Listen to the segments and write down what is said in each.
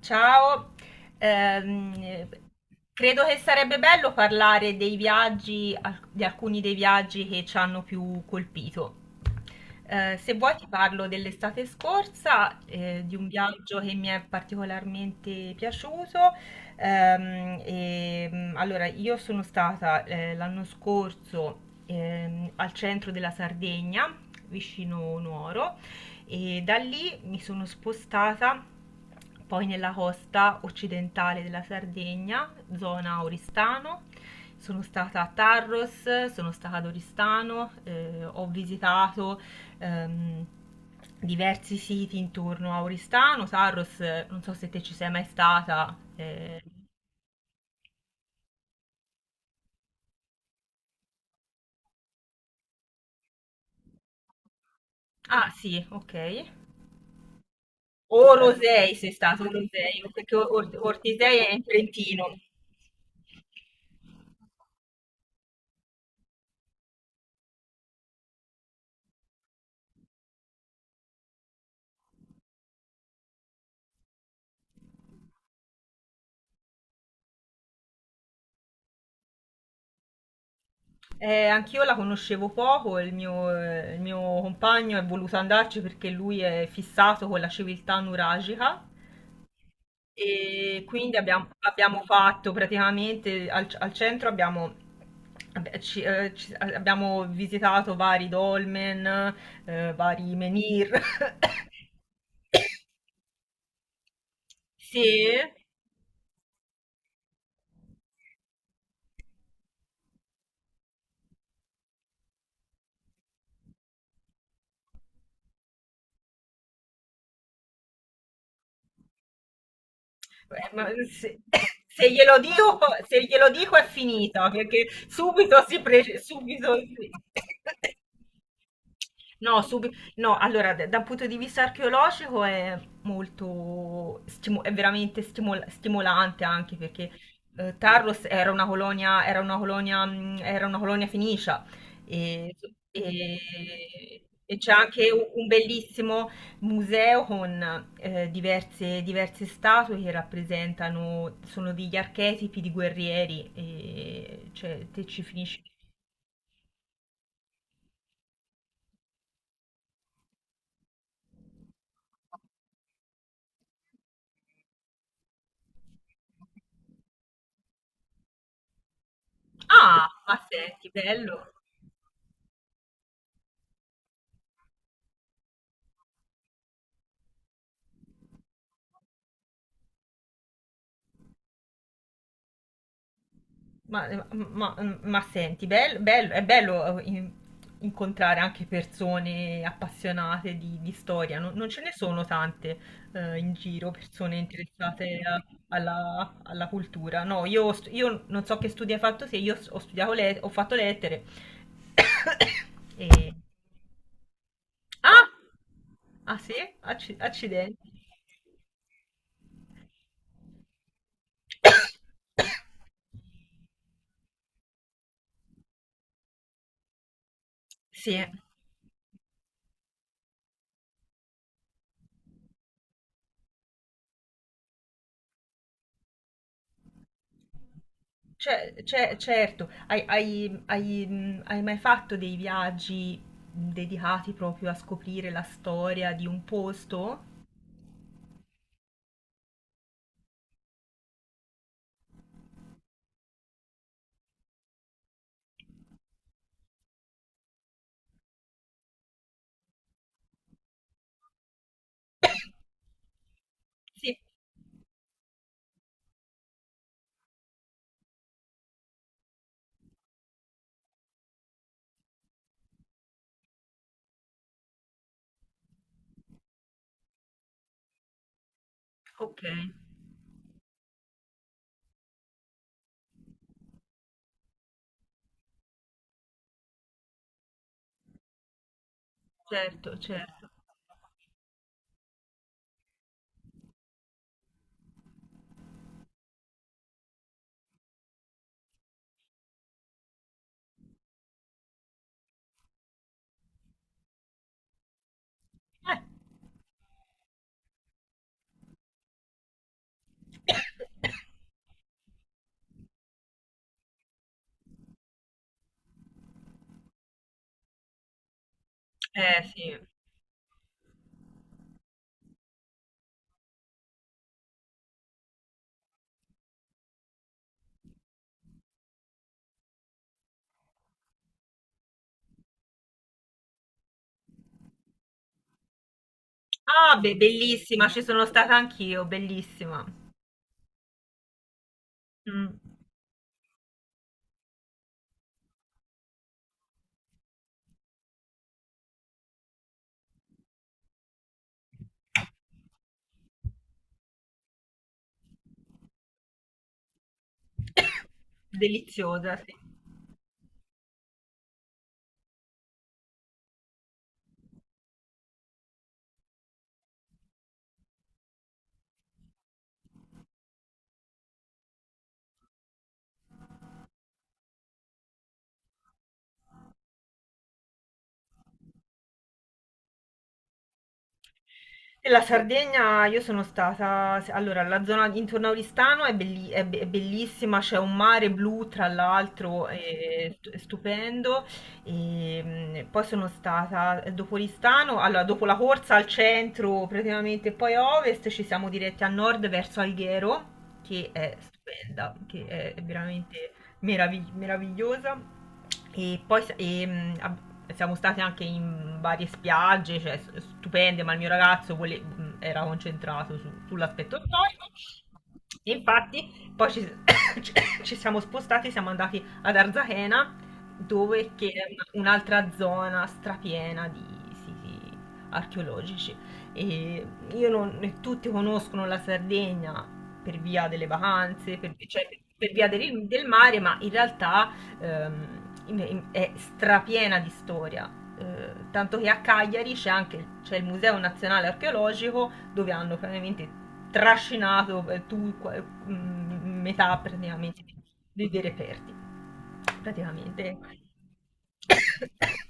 Ciao, ehm, credo che sarebbe bello parlare dei viaggi, di alcuni dei viaggi che ci hanno più colpito. Se vuoi ti parlo dell'estate scorsa, di un viaggio che mi è particolarmente piaciuto. Allora, io sono stata l'anno scorso al centro della Sardegna, vicino Nuoro. E da lì mi sono spostata poi nella costa occidentale della Sardegna, zona Oristano. Sono stata a Tarros, sono stata ad Oristano, ho visitato ehm, diversi siti intorno a Oristano. Tarros, non so se te ci sei mai stata. Ah, sì, ok. O Rosei sei stato, Rosei, perché Ortisei è in Trentino. Anch'io la conoscevo poco, il mio compagno è voluto andarci perché lui è fissato con la civiltà nuragica e quindi abbiamo fatto praticamente al centro abbiamo, vabbè, abbiamo visitato vari dolmen, vari menhir. Sì, eh, ma se, se glielo dico, se glielo dico è finita, perché subito No, subi- no, allora, dal punto di vista archeologico è è veramente stimolante anche perché Tarros era una colonia, era una colonia, era una colonia fenicia e, e c'è anche un bellissimo museo con diverse, diverse statue che rappresentano, sono degli archetipi di guerrieri, e, cioè te ci finisci. Ah, ma senti, bello, ma, ma senti, bello, è bello incontrare anche persone appassionate di storia, non, non ce ne sono tante in giro, alla, alla cultura. No, io, io non so che studi hai fatto, se io ho fatto lettere. E... Ah! Ah sì? Accidenti. Sì. Certo, hai, hai mai fatto dei viaggi dedicati proprio a scoprire la storia di un posto? Sì, ok, certo, certo. Eh, eh, sì. Ah, beh, bellissima, ci sono stata anch'io, bellissima. Mm. Deliziosa, sì. E la Sardegna, io sono stata, allora, la zona intorno a Oristano è, è bellissima, c'è un mare blu tra l'altro, è è stupendo. E, poi sono stata dopo Oristano, allora, dopo la corsa al centro praticamente, poi a ovest ci siamo diretti a nord verso Alghero, che è stupenda, che è veramente meravigliosa. E poi siamo state anche in varie spiagge, cioè, stupende, ma il mio ragazzo era concentrato sull'aspetto storico. E infatti poi ci- ci siamo spostati, siamo andati ad Arzachena, dove che è un'altra zona strapiena di siti archeologici. E io non, e tutti conoscono la Sardegna, per via delle vacanze, per, cioè, per via del, del mare, ma in realtà è strapiena di storia. Tanto che a Cagliari c'è il Museo Nazionale Archeologico dove hanno praticamente trascinato metà praticamente dei reperti, praticamente.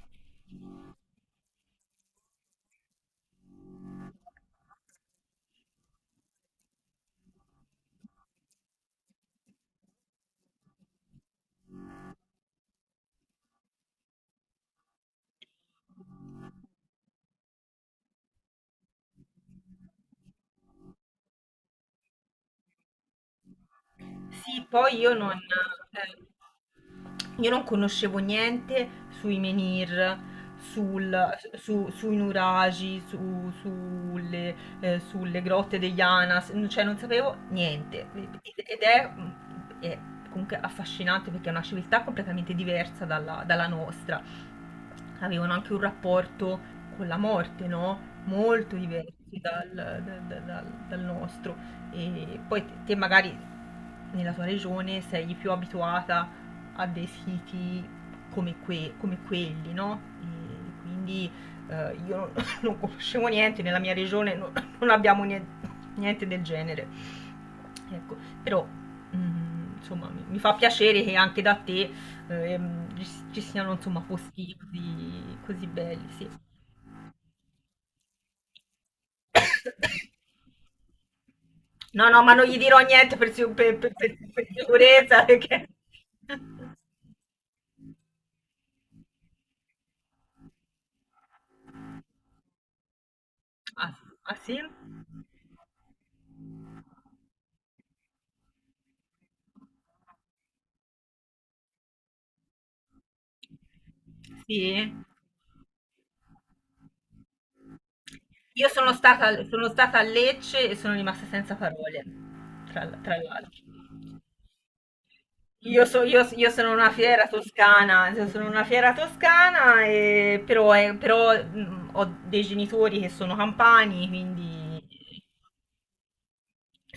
Sì, poi io non conoscevo niente sui menhir, sui nuraghi, sulle, sulle grotte degli Anas, cioè non sapevo niente. Ed è, è comunque affascinante perché è una civiltà completamente diversa dalla, dalla nostra. Avevano anche un rapporto con la morte, no? Molto diverso dal dal nostro. E poi te magari nella tua regione sei più abituata a dei siti come, come quelli, no? E quindi io non, non conoscevo niente, nella mia regione non abbiamo nie- niente del genere. Ecco, però insomma mi, mi fa piacere che anche da te ehm, ci, ci siano insomma posti così, così belli, sì. No, no, ma non gli dirò niente per, per sicurezza perché... Ah, ah, sì? Sì? Io sono stata a Lecce e sono rimasta senza parole, tra l'altro. Io sono una fiera toscana, io sono una fiera toscana, però, però, ho dei genitori che sono campani, quindi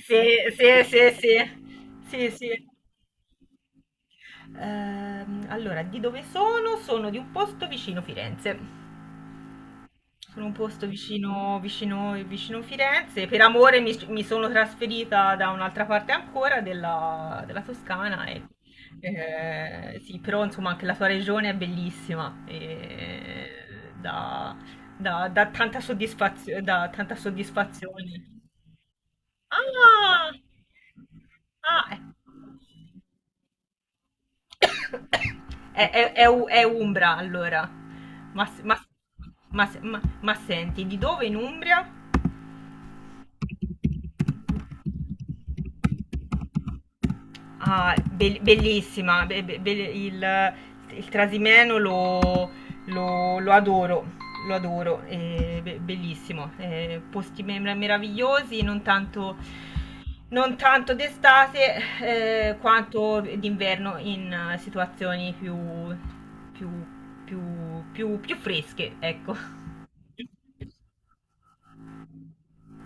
sì, sì. Sì, sì. Allora, di dove sono? Sono di un posto vicino Firenze. Sono un posto vicino Firenze. Per amore mi, mi sono trasferita da un'altra parte ancora della, della Toscana. E, sì, però insomma anche la sua regione è bellissima. E dà dà tanta dà tanta soddisfazione. Ah! Ah, eh. È Umbra allora. Ma, s- ma s- ma senti, di dove in Umbria? Ah, bellissima, il Trasimeno lo, lo- lo adoro, lo adoro, è bellissimo, posti meravigliosi, non tanto, non tanto d'estate quanto d'inverno in situazioni più, più, più, più fresche, ecco.